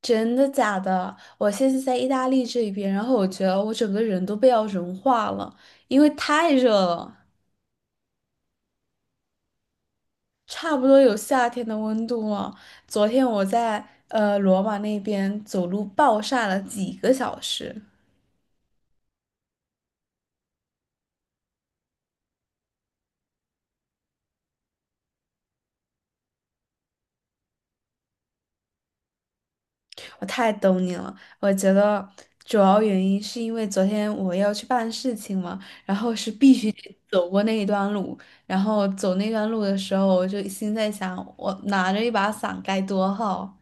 真的假的？我现在在意大利这边，然后我觉得我整个人都被要融化了，因为太热了，差不多有夏天的温度了。昨天我在罗马那边走路暴晒了几个小时，我太懂你了。我觉得主要原因是因为昨天我要去办事情嘛，然后是必须得走过那一段路，然后走那段路的时候，我就心在想，我拿着一把伞该多好。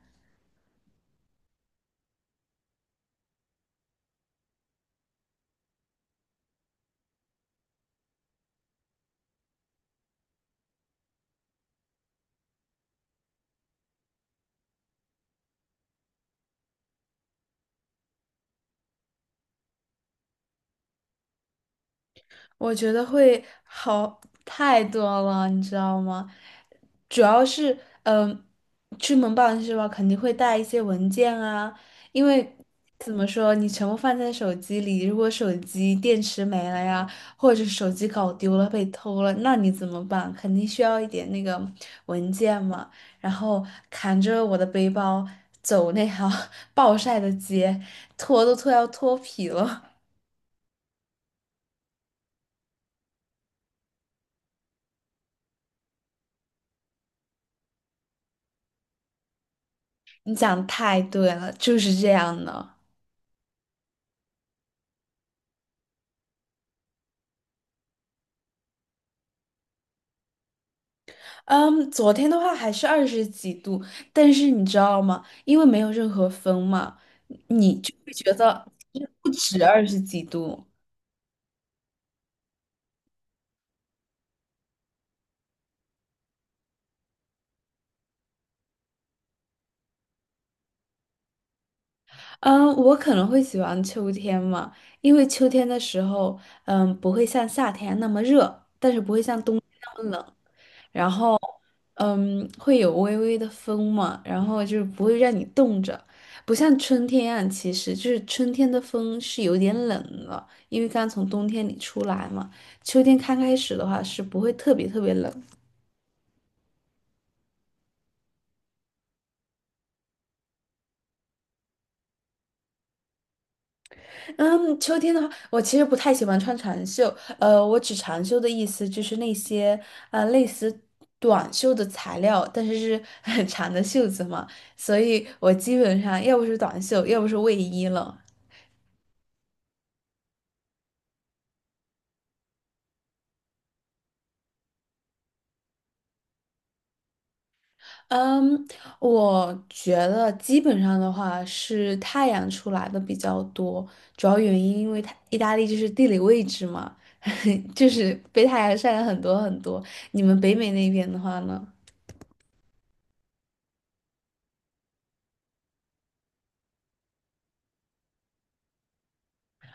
我觉得会好太多了，你知道吗？主要是，嗯、出门办事吧？肯定会带一些文件啊，因为怎么说，你全部放在手机里，如果手机电池没了呀，或者是手机搞丢了、被偷了，那你怎么办？肯定需要一点那个文件嘛。然后扛着我的背包走那条 暴晒的街，脱都脱要脱皮了。你讲得太对了，就是这样的。嗯，昨天的话还是二十几度，但是你知道吗？因为没有任何风嘛，你就会觉得不止二十几度。嗯，我可能会喜欢秋天嘛，因为秋天的时候，不会像夏天那么热，但是不会像冬天那么冷。嗯，会有微微的风嘛，然后就是不会让你冻着，不像春天啊，其实就是春天的风是有点冷了，因为刚从冬天里出来嘛。秋天刚开始的话是不会特别特别冷。嗯，秋天的话，我其实不太喜欢穿长袖，我指长袖的意思就是那些类似短袖的材料，但是是很长的袖子嘛，所以我基本上要不是短袖，要不是卫衣了。嗯，我觉得基本上的话是太阳出来的比较多，主要原因因为它意大利就是地理位置嘛，就是被太阳晒了很多很多。你们北美那边的话呢？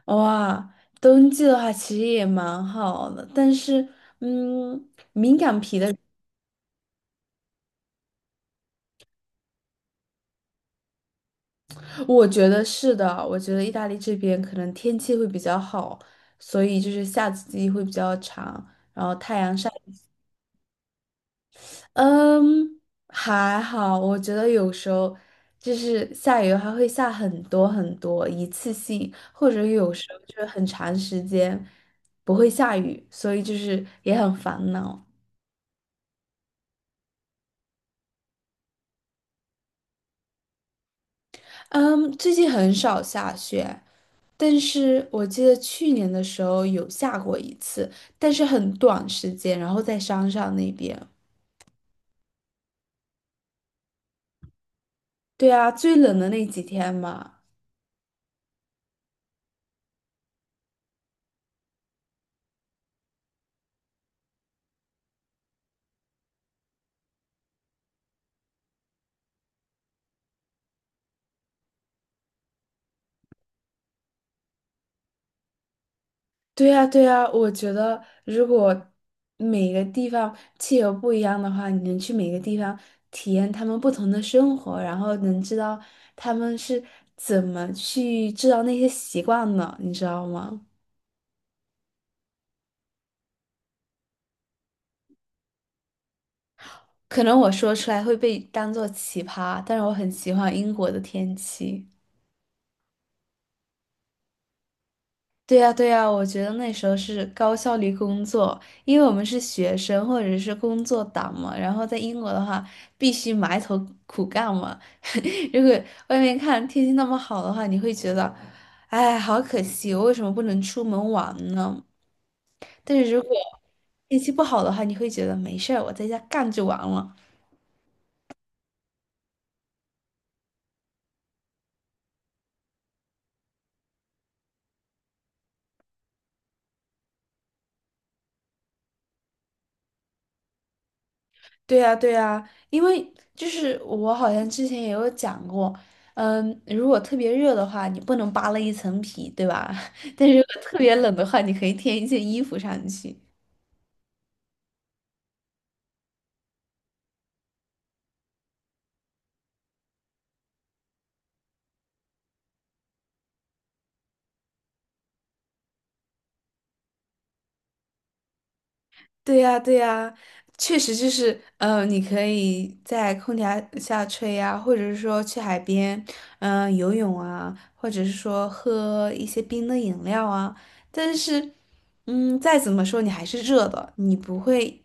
哇，冬季的话其实也蛮好的，但是嗯，我觉得是的，我觉得意大利这边可能天气会比较好，所以就是夏季会比较长，然后太阳。晒。嗯，还好，我觉得有时候就是下雨，还会下很多很多，一次性，或者有时候就是很长时间不会下雨，所以就是也很烦恼。嗯，最近很少下雪，但是我记得去年的时候有下过一次，但是很短时间，然后在山上那边。对啊，最冷的那几天嘛。对呀，对呀，我觉得如果每个地方气候不一样的话，你能去每个地方体验他们不同的生活，然后能知道他们是怎么去制造那些习惯的，你知道吗？可能我说出来会被当做奇葩，但是我很喜欢英国的天气。对呀，对呀，我觉得那时候是高效率工作，因为我们是学生或者是工作党嘛，然后在英国的话必须埋头苦干嘛。如果外面看天气那么好的话，你会觉得，哎，好可惜，我为什么不能出门玩呢？但是如果天气不好的话，你会觉得没事儿，我在家干就完了。对呀，对呀，因为就是我好像之前也有讲过，如果特别热的话，你不能扒了一层皮，对吧？但是如果特别冷的话，你可以添一件衣服上去。对呀，对呀，确实就是，你可以在空调下吹呀，或者是说去海边，游泳啊，或者是说喝一些冰的饮料啊。但是，再怎么说你还是热的，你不会。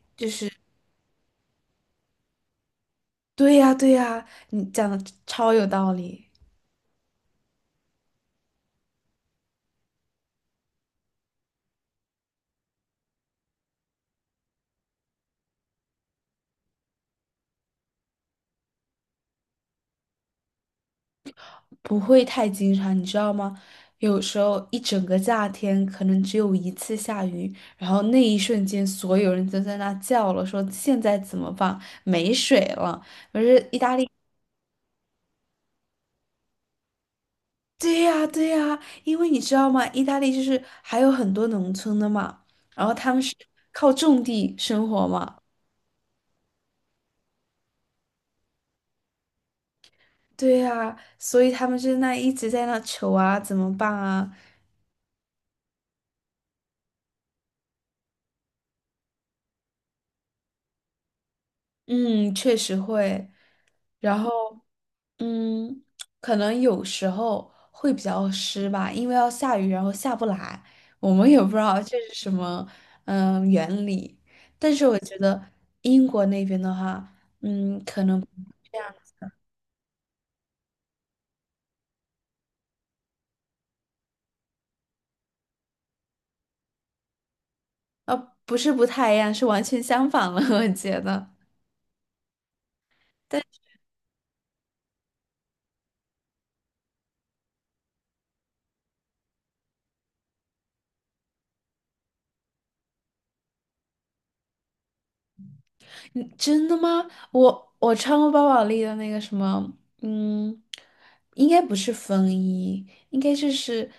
对呀，对呀，你讲的超有道理。不会太经常，你知道吗？有时候一整个夏天可能只有一次下雨，然后那一瞬间所有人都在那叫了，说现在怎么办？没水了。可是意大利，对呀对呀，因为你知道吗？意大利就是还有很多农村的嘛，然后他们是靠种地生活嘛，对呀，所以他们就那一直在那求啊，怎么办啊？嗯，确实会。然后，嗯，可能有时候会比较湿吧，因为要下雨，然后下不来，我们也不知道这是什么，原理。但是我觉得英国那边的话，可能，呃，不是不太一样，是完全相反了，我觉得。嗯，真的吗？我穿过包宝莉的那个什么，嗯，应该不是风衣，应该就是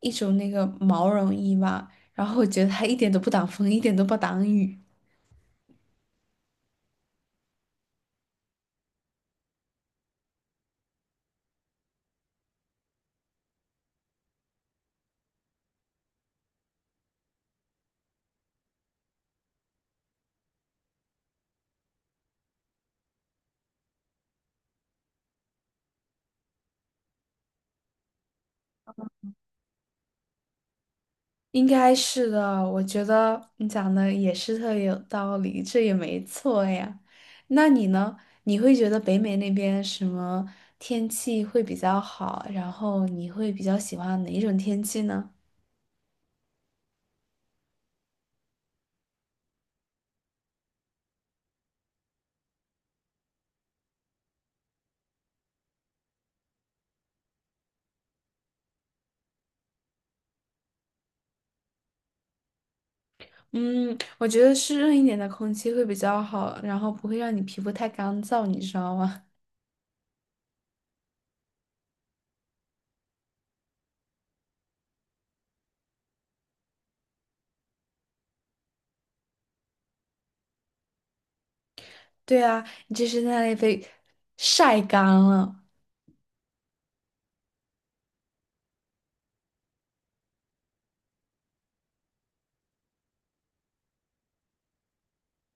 一种那个毛绒衣吧。然后我觉得它一点都不挡风，一点都不挡雨。应该是的，我觉得你讲的也是特别有道理，这也没错呀。那你呢？你会觉得北美那边什么天气会比较好？然后你会比较喜欢哪一种天气呢？嗯，我觉得湿润一点的空气会比较好，然后不会让你皮肤太干燥，你知道吗？对啊，你这是在那里被晒干了，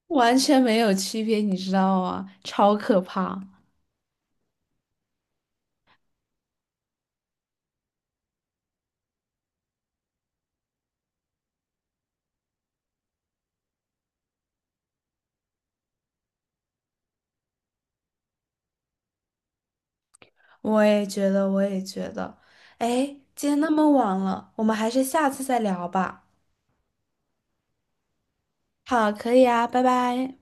完全没有区别，你知道吗？超可怕！我也觉得，我也觉得。哎，今天那么晚了，我们还是下次再聊吧。好，可以啊，拜拜。